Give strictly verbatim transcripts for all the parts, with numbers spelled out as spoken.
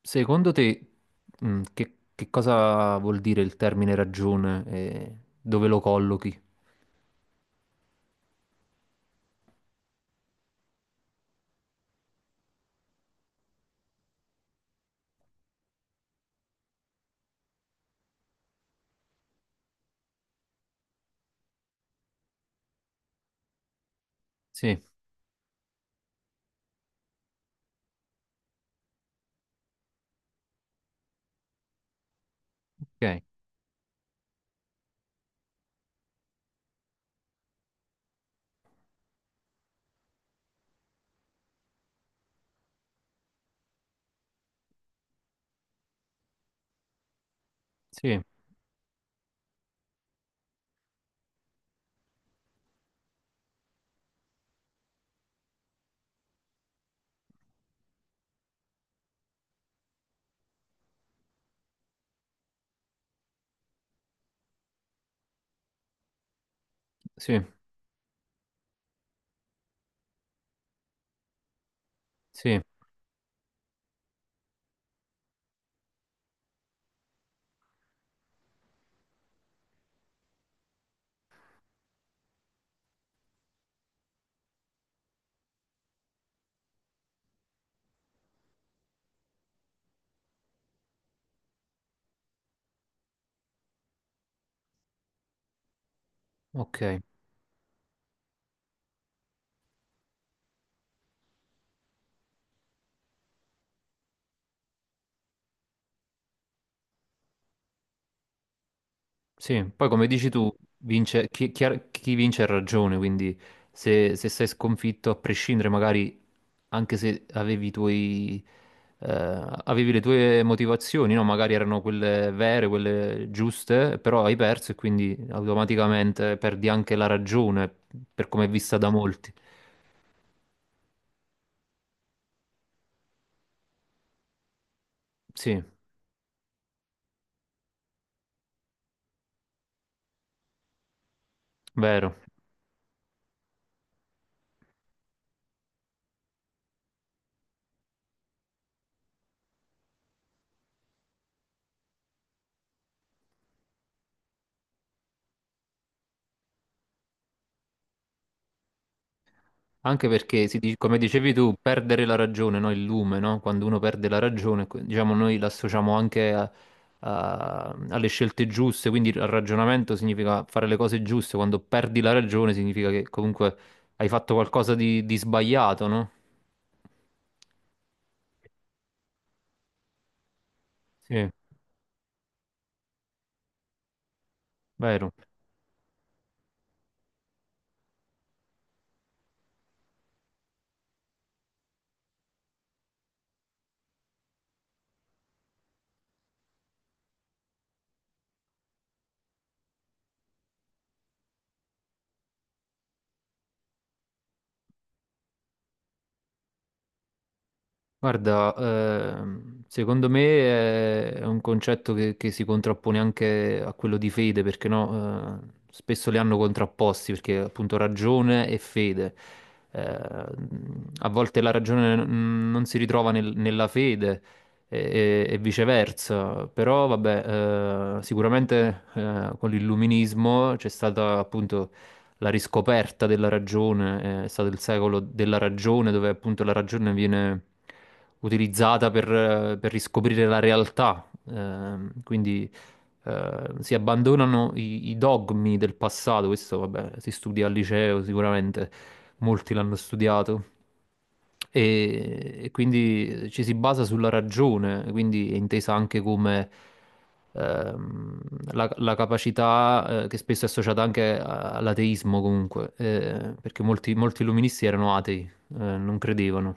Secondo te, mm, che, che cosa vuol dire il termine ragione e dove lo collochi? Sì, ok, sì, sì, sì, ok. Sì, poi come dici tu, vince, chi, chi ha- chi vince ha ragione, quindi se, se sei sconfitto, a prescindere magari anche se avevi i tuoi, eh, avevi le tue motivazioni, no? Magari erano quelle vere, quelle giuste, però hai perso e quindi automaticamente perdi anche la ragione, per come è vista da molti. Sì, vero. Anche perché, si dice- come dicevi tu, perdere la ragione, no? Il lume, no? Quando uno perde la ragione, que- diciamo, noi l'associamo anche a- a- alle scelte giuste, quindi il ragionamento significa fare le cose giuste, quando perdi la ragione significa che comunque hai fatto qualcosa di, di sbagliato, no? Sì, vero. Guarda, ehm, secondo me è è un concetto che, che si contrappone anche a quello di fede, perché no, eh, spesso li hanno contrapposti, perché appunto ragione e fede. Eh, a volte la ragione mm, non si ritrova nel- nella fede e, e- e viceversa, però vabbè, eh, sicuramente eh, con l'illuminismo c'è stata appunto la riscoperta della ragione, eh, è stato il secolo della ragione, dove appunto la ragione viene utilizzata per, eh, per riscoprire la realtà. Ehm, quindi eh, si abbandonano i, i dogmi del passato, questo vabbè, si studia al liceo sicuramente, molti l'hanno studiato e, e quindi eh, ci si basa sulla ragione, quindi è intesa anche come ehm, la, la capacità eh, che spesso è associata anche a- all'ateismo comunque, eh, perché molti, molti illuministi erano atei, eh, non credevano.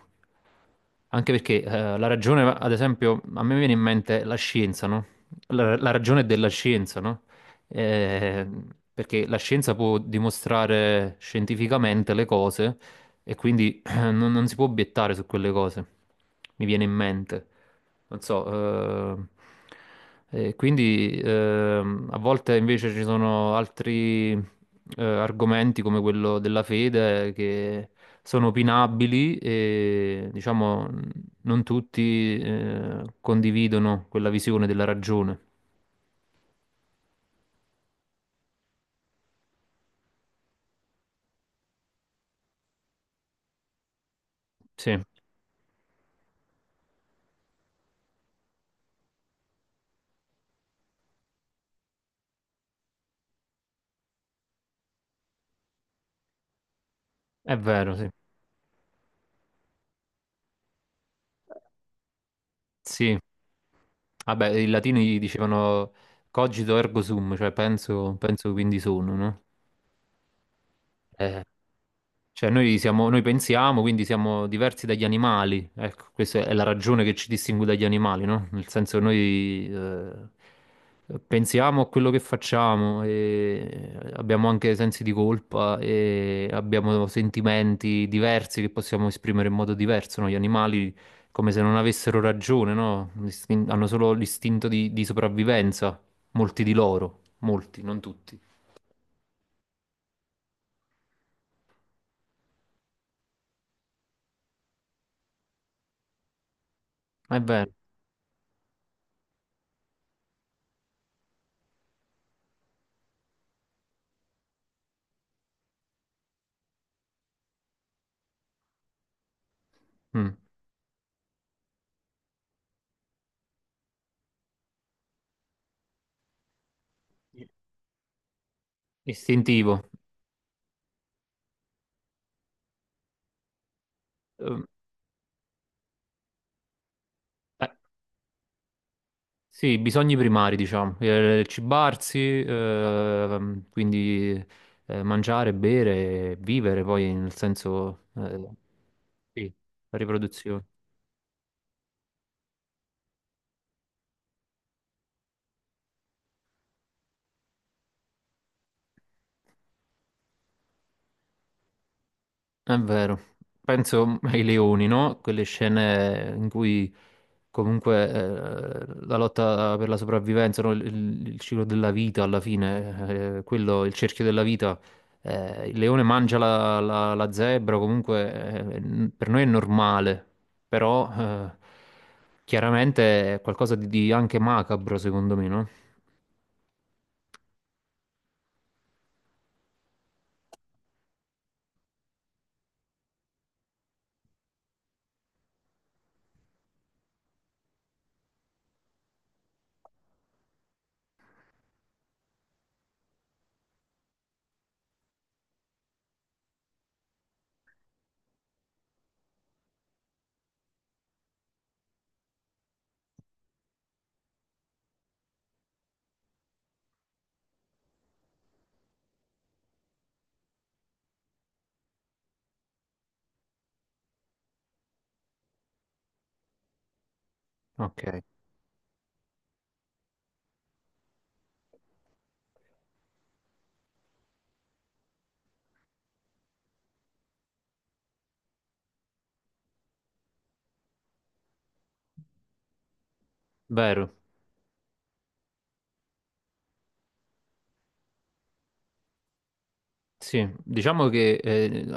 Anche perché eh, la ragione, ad esempio, a me viene in mente la scienza, no? La, la ragione della scienza, no? Eh, perché la scienza può dimostrare scientificamente le cose e quindi non, non si può obiettare su quelle cose, mi viene in mente. Non so, eh, eh, quindi ehm, a volte invece ci sono altri eh, argomenti come quello della fede che sono opinabili e diciamo non tutti eh, condividono quella visione della ragione. Sì, è vero, sì. Sì, vabbè, i latini dicevano cogito ergo sum, cioè penso, penso quindi sono, no? Eh, Cioè, noi siamo, noi pensiamo, quindi siamo diversi dagli animali. Ecco, questa è la ragione che ci distingue dagli animali, no? Nel senso che noi eh, pensiamo a quello che facciamo e abbiamo anche sensi di colpa e abbiamo sentimenti diversi che possiamo esprimere in modo diverso, no? Gli animali come se non avessero ragione, no? L'istin- Hanno solo l'istinto di, di sopravvivenza, molti di loro, molti, non tutti. Ma è vero. Mm. Istintivo. Ehm, Eh, sì, bisogni primari, diciamo. Eh, cibarsi, ehm, quindi eh, mangiare, bere, vivere, poi nel senso, eh, sì, la riproduzione. È vero, penso ai leoni, no? Quelle scene in cui comunque eh, la lotta per la sopravvivenza, no? Il, il- il ciclo della vita alla fine, eh, quello, il cerchio della vita, eh, il leone mangia la, la- la zebra, comunque eh, n- per noi è normale, però eh, chiaramente è qualcosa di, di anche macabro secondo me, no? Ok, vero. Sì, diciamo che eh,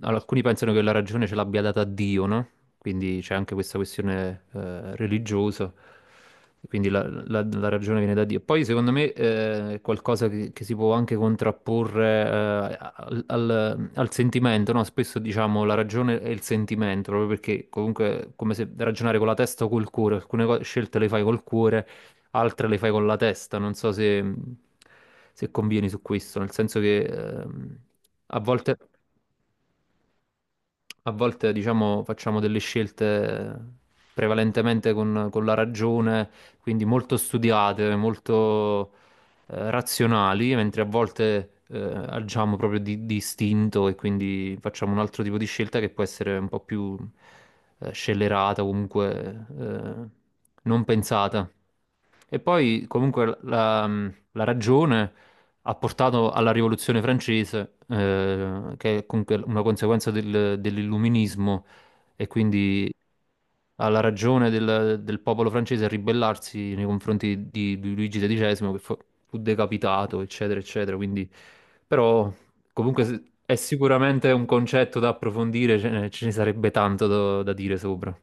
alcuni pensano che la ragione ce l'abbia data Dio, no? Quindi c'è anche questa questione eh, religiosa, quindi la, la- la ragione viene da Dio. Poi secondo me eh, è qualcosa che, che si può anche contrapporre eh, al, al- al sentimento, no? Spesso diciamo la ragione e il sentimento, proprio perché comunque è come se ragionare con la testa o col cuore, alcune co- scelte le fai col cuore altre le fai con la testa. Non so se, se convieni su questo, nel senso che ehm, a volte. A volte, diciamo, facciamo delle scelte prevalentemente con, con la ragione, quindi molto studiate, molto eh, razionali, mentre a volte eh, agiamo proprio di, di istinto e quindi facciamo un altro tipo di scelta che può essere un po' più eh, scellerata, comunque eh, non pensata. E poi comunque la, la ragione ha portato alla rivoluzione francese, eh, che è comunque una conseguenza del- dell'illuminismo e quindi alla ragione del, del popolo francese a ribellarsi nei confronti di, di Luigi dodicesimo, che fu, fu decapitato, eccetera, eccetera. Quindi, però, comunque se- è sicuramente un concetto da approfondire, ce ne, ce ne sarebbe tanto da da dire sopra.